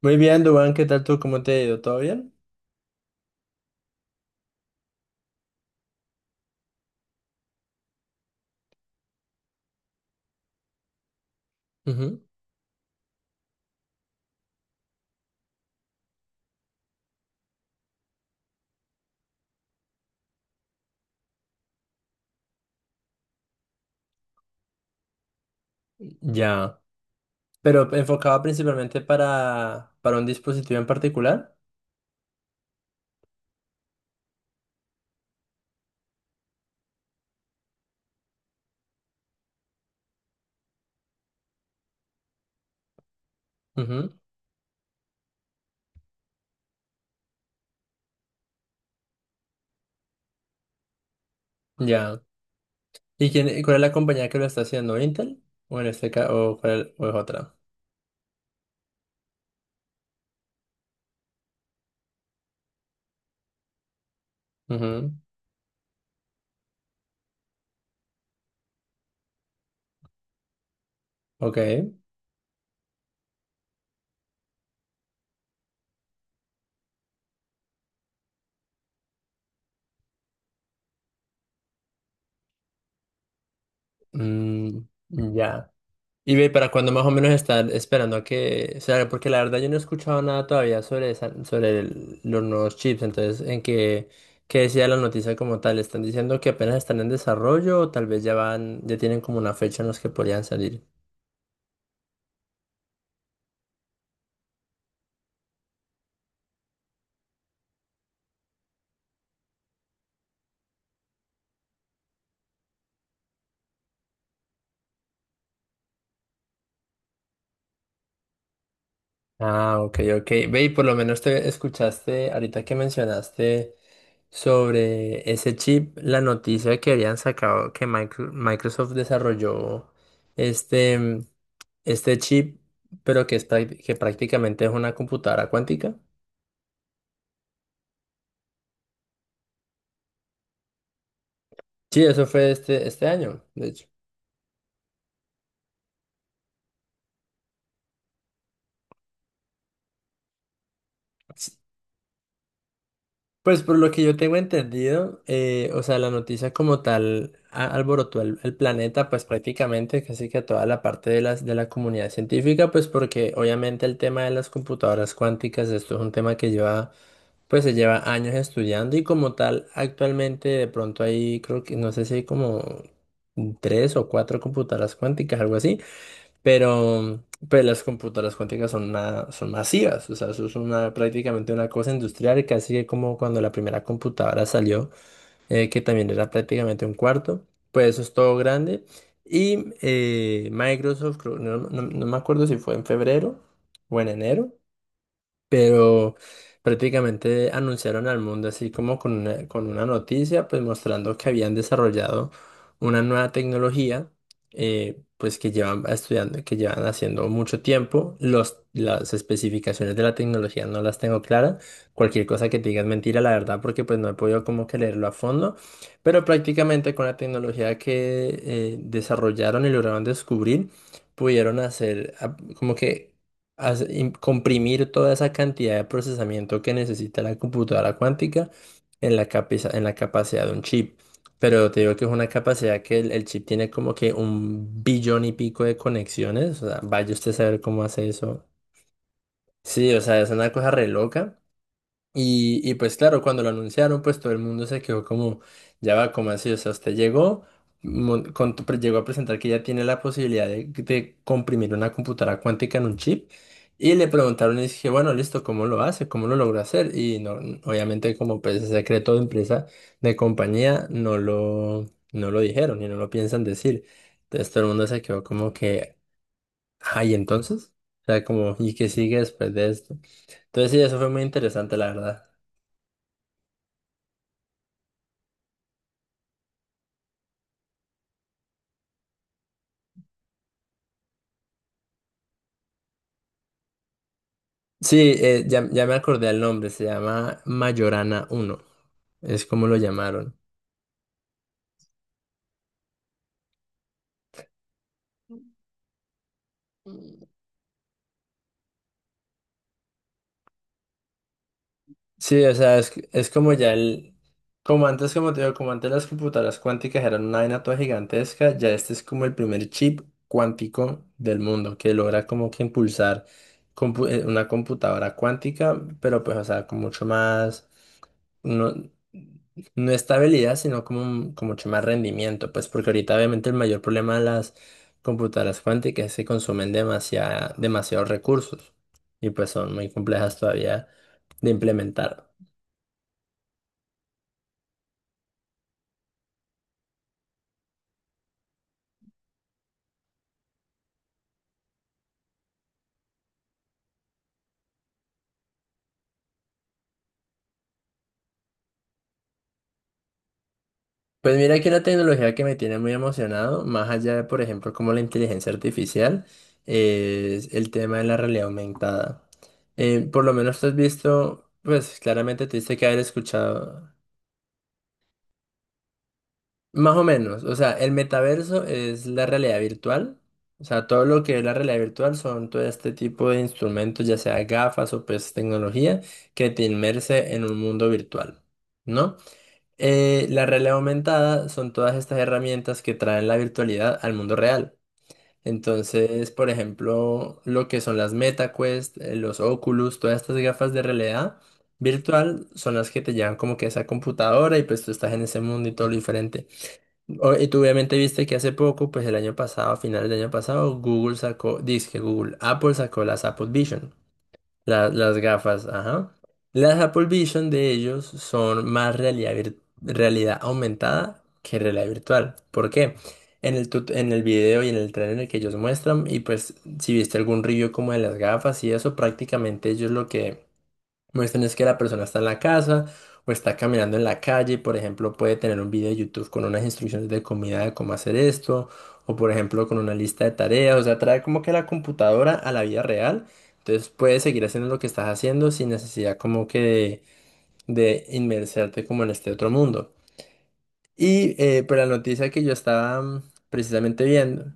Muy bien, Dubán, ¿qué tal tú? ¿Cómo te ha ido? ¿Todo bien? Ujú. Ya. Pero enfocado principalmente para un dispositivo en particular. Ujú. Ya. ¿Y quién, cuál es la compañía que lo está haciendo? ¿Intel? ¿O en este caso, o cuál, o es otra? Ujú. Ok. Mm, ya. Y ve, ¿para cuándo más o menos están esperando a que sea? Porque la verdad yo no he escuchado nada todavía sobre sobre los nuevos chips. Entonces, ¿en qué, qué decía la noticia como tal? ¿Están diciendo que apenas están en desarrollo o tal vez ya van, ya tienen como una fecha en los que podrían salir? Ah, ok, ok. Ve, y por lo menos te escuchaste, ahorita que mencionaste. Sobre ese chip, la noticia que habían sacado que Microsoft desarrolló este, este chip, pero que, que prácticamente es una computadora cuántica. Sí, eso fue este año, de hecho. Sí. Pues por lo que yo tengo entendido, o sea, la noticia como tal alborotó el planeta, pues prácticamente casi que a toda la parte de de la comunidad científica, pues porque obviamente el tema de las computadoras cuánticas, esto es un tema que lleva. Pues se lleva años estudiando y como tal, actualmente de pronto hay, creo que, no sé si hay como tres o cuatro computadoras cuánticas, algo así, pero pues las computadoras cuánticas son, son masivas, o sea, eso es una, prácticamente una cosa industrial, casi que como cuando la primera computadora salió, que también era prácticamente un cuarto, pues eso es todo grande. Y Microsoft, no me acuerdo si fue en febrero o en enero, pero prácticamente anunciaron al mundo así como con una noticia, pues mostrando que habían desarrollado una nueva tecnología, pues que llevan estudiando, que llevan haciendo mucho tiempo. Las especificaciones de la tecnología no las tengo claras. Cualquier cosa que te diga es mentira, la verdad, porque pues no he podido como que leerlo a fondo, pero prácticamente con la tecnología que desarrollaron y lograron descubrir, pudieron hacer como que comprimir toda esa cantidad de procesamiento que necesita la computadora cuántica en la en la capacidad de un chip. Pero te digo que es una capacidad que el chip tiene como que un billón y pico de conexiones. O sea, vaya usted a saber cómo hace eso. Sí, o sea, es una cosa re loca. Y pues claro, cuando lo anunciaron, pues todo el mundo se quedó como, ya va, como así? O sea, usted llegó, llegó a presentar que ya tiene la posibilidad de comprimir una computadora cuántica en un chip. Y le preguntaron y dije, bueno, listo, ¿cómo lo hace? ¿Cómo lo logra hacer? Y no, obviamente como pues es secreto de empresa, de compañía, no lo dijeron y no lo piensan decir. Entonces todo el mundo se quedó como que, ay, entonces, o sea, como, ¿y qué sigue después de esto? Entonces sí, eso fue muy interesante, la verdad. Sí, ya me acordé el nombre, se llama Mayorana uno, es como lo llamaron. Sí, o sea, es como ya el, como antes, como te digo, como antes las computadoras cuánticas eran una vaina toda gigantesca, ya este es como el primer chip cuántico del mundo, que logra como que impulsar una computadora cuántica, pero pues, o sea, con mucho más no, no estabilidad, sino como, como mucho más rendimiento, pues porque ahorita obviamente el mayor problema de las computadoras cuánticas es que consumen demasiada, demasiados recursos y pues son muy complejas todavía de implementar. Pues mira que una tecnología que me tiene muy emocionado, más allá de por ejemplo como la inteligencia artificial, es el tema de la realidad aumentada. Por lo menos tú has visto, pues claramente te dice que haber escuchado. Más o menos, o sea, el metaverso es la realidad virtual, o sea, todo lo que es la realidad virtual son todo este tipo de instrumentos, ya sea gafas o pues tecnología, que te inmerse en un mundo virtual, ¿no? La realidad aumentada son todas estas herramientas que traen la virtualidad al mundo real. Entonces, por ejemplo, lo que son las MetaQuest, los Oculus, todas estas gafas de realidad virtual son las que te llevan como que a esa computadora y pues tú estás en ese mundo y todo lo diferente. Y tú obviamente viste que hace poco, pues el año pasado, a finales del año pasado, Google sacó, que Google, Apple sacó las Apple Vision, las gafas, ajá. Las Apple Vision de ellos son más realidad, realidad aumentada que realidad virtual. ¿Por qué? En el, en el video y en el trailer que ellos muestran, y pues si viste algún review como de las gafas y eso, prácticamente ellos lo que muestran es que la persona está en la casa o está caminando en la calle, y, por ejemplo, puede tener un video de YouTube con unas instrucciones de comida de cómo hacer esto, o por ejemplo con una lista de tareas, o sea, trae como que la computadora a la vida real, entonces puedes seguir haciendo lo que estás haciendo sin necesidad como que de inmersarte como en este otro mundo. Y pues la noticia que yo estaba precisamente viendo,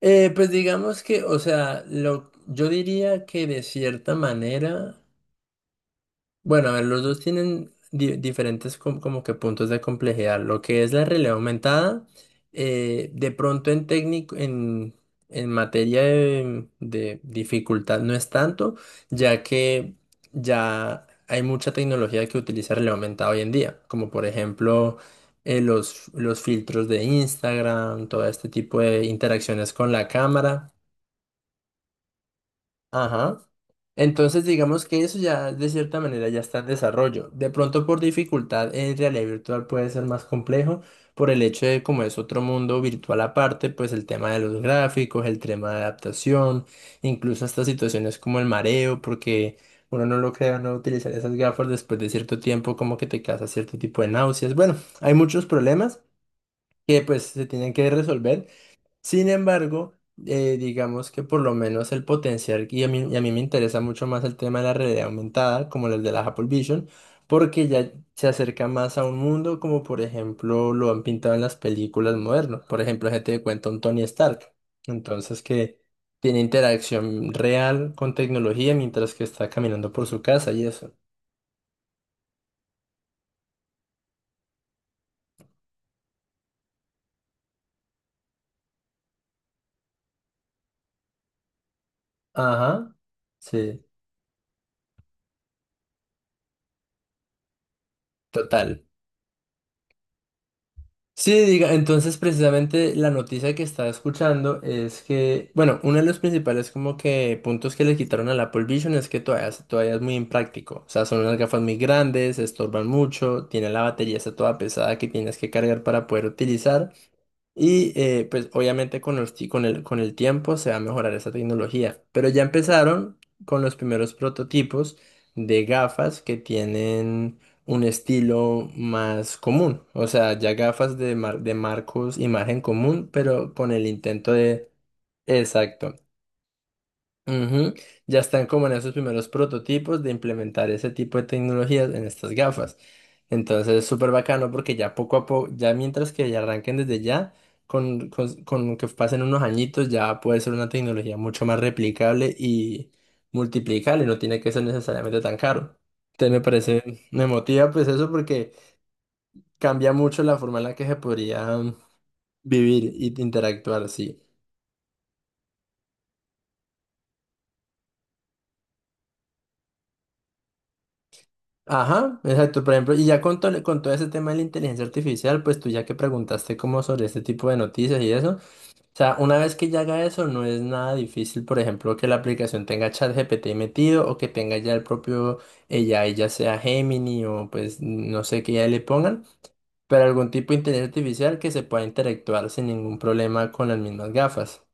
pues digamos que, o sea, lo, yo diría que de cierta manera... Bueno, a ver, los dos tienen diferentes como que puntos de complejidad. Lo que es la realidad aumentada, de pronto en técnico, en materia de dificultad no es tanto, ya que ya hay mucha tecnología que utiliza realidad aumentada hoy en día, como por ejemplo los filtros de Instagram, todo este tipo de interacciones con la cámara. Ajá. Entonces digamos que eso ya de cierta manera ya está en desarrollo. De pronto por dificultad en realidad virtual puede ser más complejo por el hecho de como es otro mundo virtual aparte, pues el tema de los gráficos, el tema de adaptación, incluso hasta situaciones como el mareo, porque uno no lo crea, no utilizar esas gafas después de cierto tiempo como que te causa cierto tipo de náuseas. Bueno, hay muchos problemas que pues se tienen que resolver. Sin embargo, digamos que por lo menos el potencial, y a mí me interesa mucho más el tema de la realidad aumentada, como el de la Apple Vision, porque ya se acerca más a un mundo como por ejemplo lo han pintado en las películas modernas. Por ejemplo, gente de cuenta un Tony Stark. Entonces que tiene interacción real con tecnología mientras que está caminando por su casa y eso. Ajá, sí, total. Sí, diga, entonces precisamente la noticia que estaba escuchando es que, bueno, uno de los principales como que puntos que le quitaron al Apple Vision es que todavía, todavía es muy impráctico. O sea, son unas gafas muy grandes, estorban mucho, tiene la batería está toda pesada que tienes que cargar para poder utilizar. Y pues obviamente con el, con el, con el tiempo se va a mejorar esa tecnología. Pero ya empezaron con los primeros prototipos de gafas que tienen un estilo más común. O sea, ya gafas de, de marcos y margen común, pero con el intento de... Exacto. Ujú, ya están como en esos primeros prototipos de implementar ese tipo de tecnologías en estas gafas. Entonces es súper bacano porque ya poco a poco, ya mientras que ya arranquen desde ya, con que pasen unos añitos ya puede ser una tecnología mucho más replicable y multiplicable, no tiene que ser necesariamente tan caro. Entonces me parece, me motiva pues eso porque cambia mucho la forma en la que se podría vivir y interactuar, sí. Ajá, exacto, por ejemplo, y ya con, con todo ese tema de la inteligencia artificial, pues tú ya que preguntaste como sobre este tipo de noticias y eso, o sea, una vez que ya haga eso, no es nada difícil, por ejemplo, que la aplicación tenga ChatGPT metido o que tenga ya el propio, ella ya sea Gemini o pues no sé qué ya le pongan, pero algún tipo de inteligencia artificial que se pueda interactuar sin ningún problema con las mismas gafas.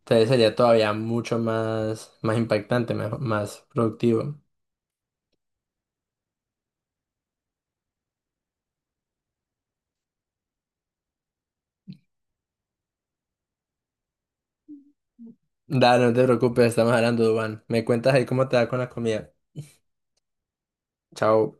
Entonces sería todavía mucho más, más impactante, más productivo. Da, no te preocupes, estamos hablando, Dubán. Me cuentas ahí cómo te va con la comida. Chao.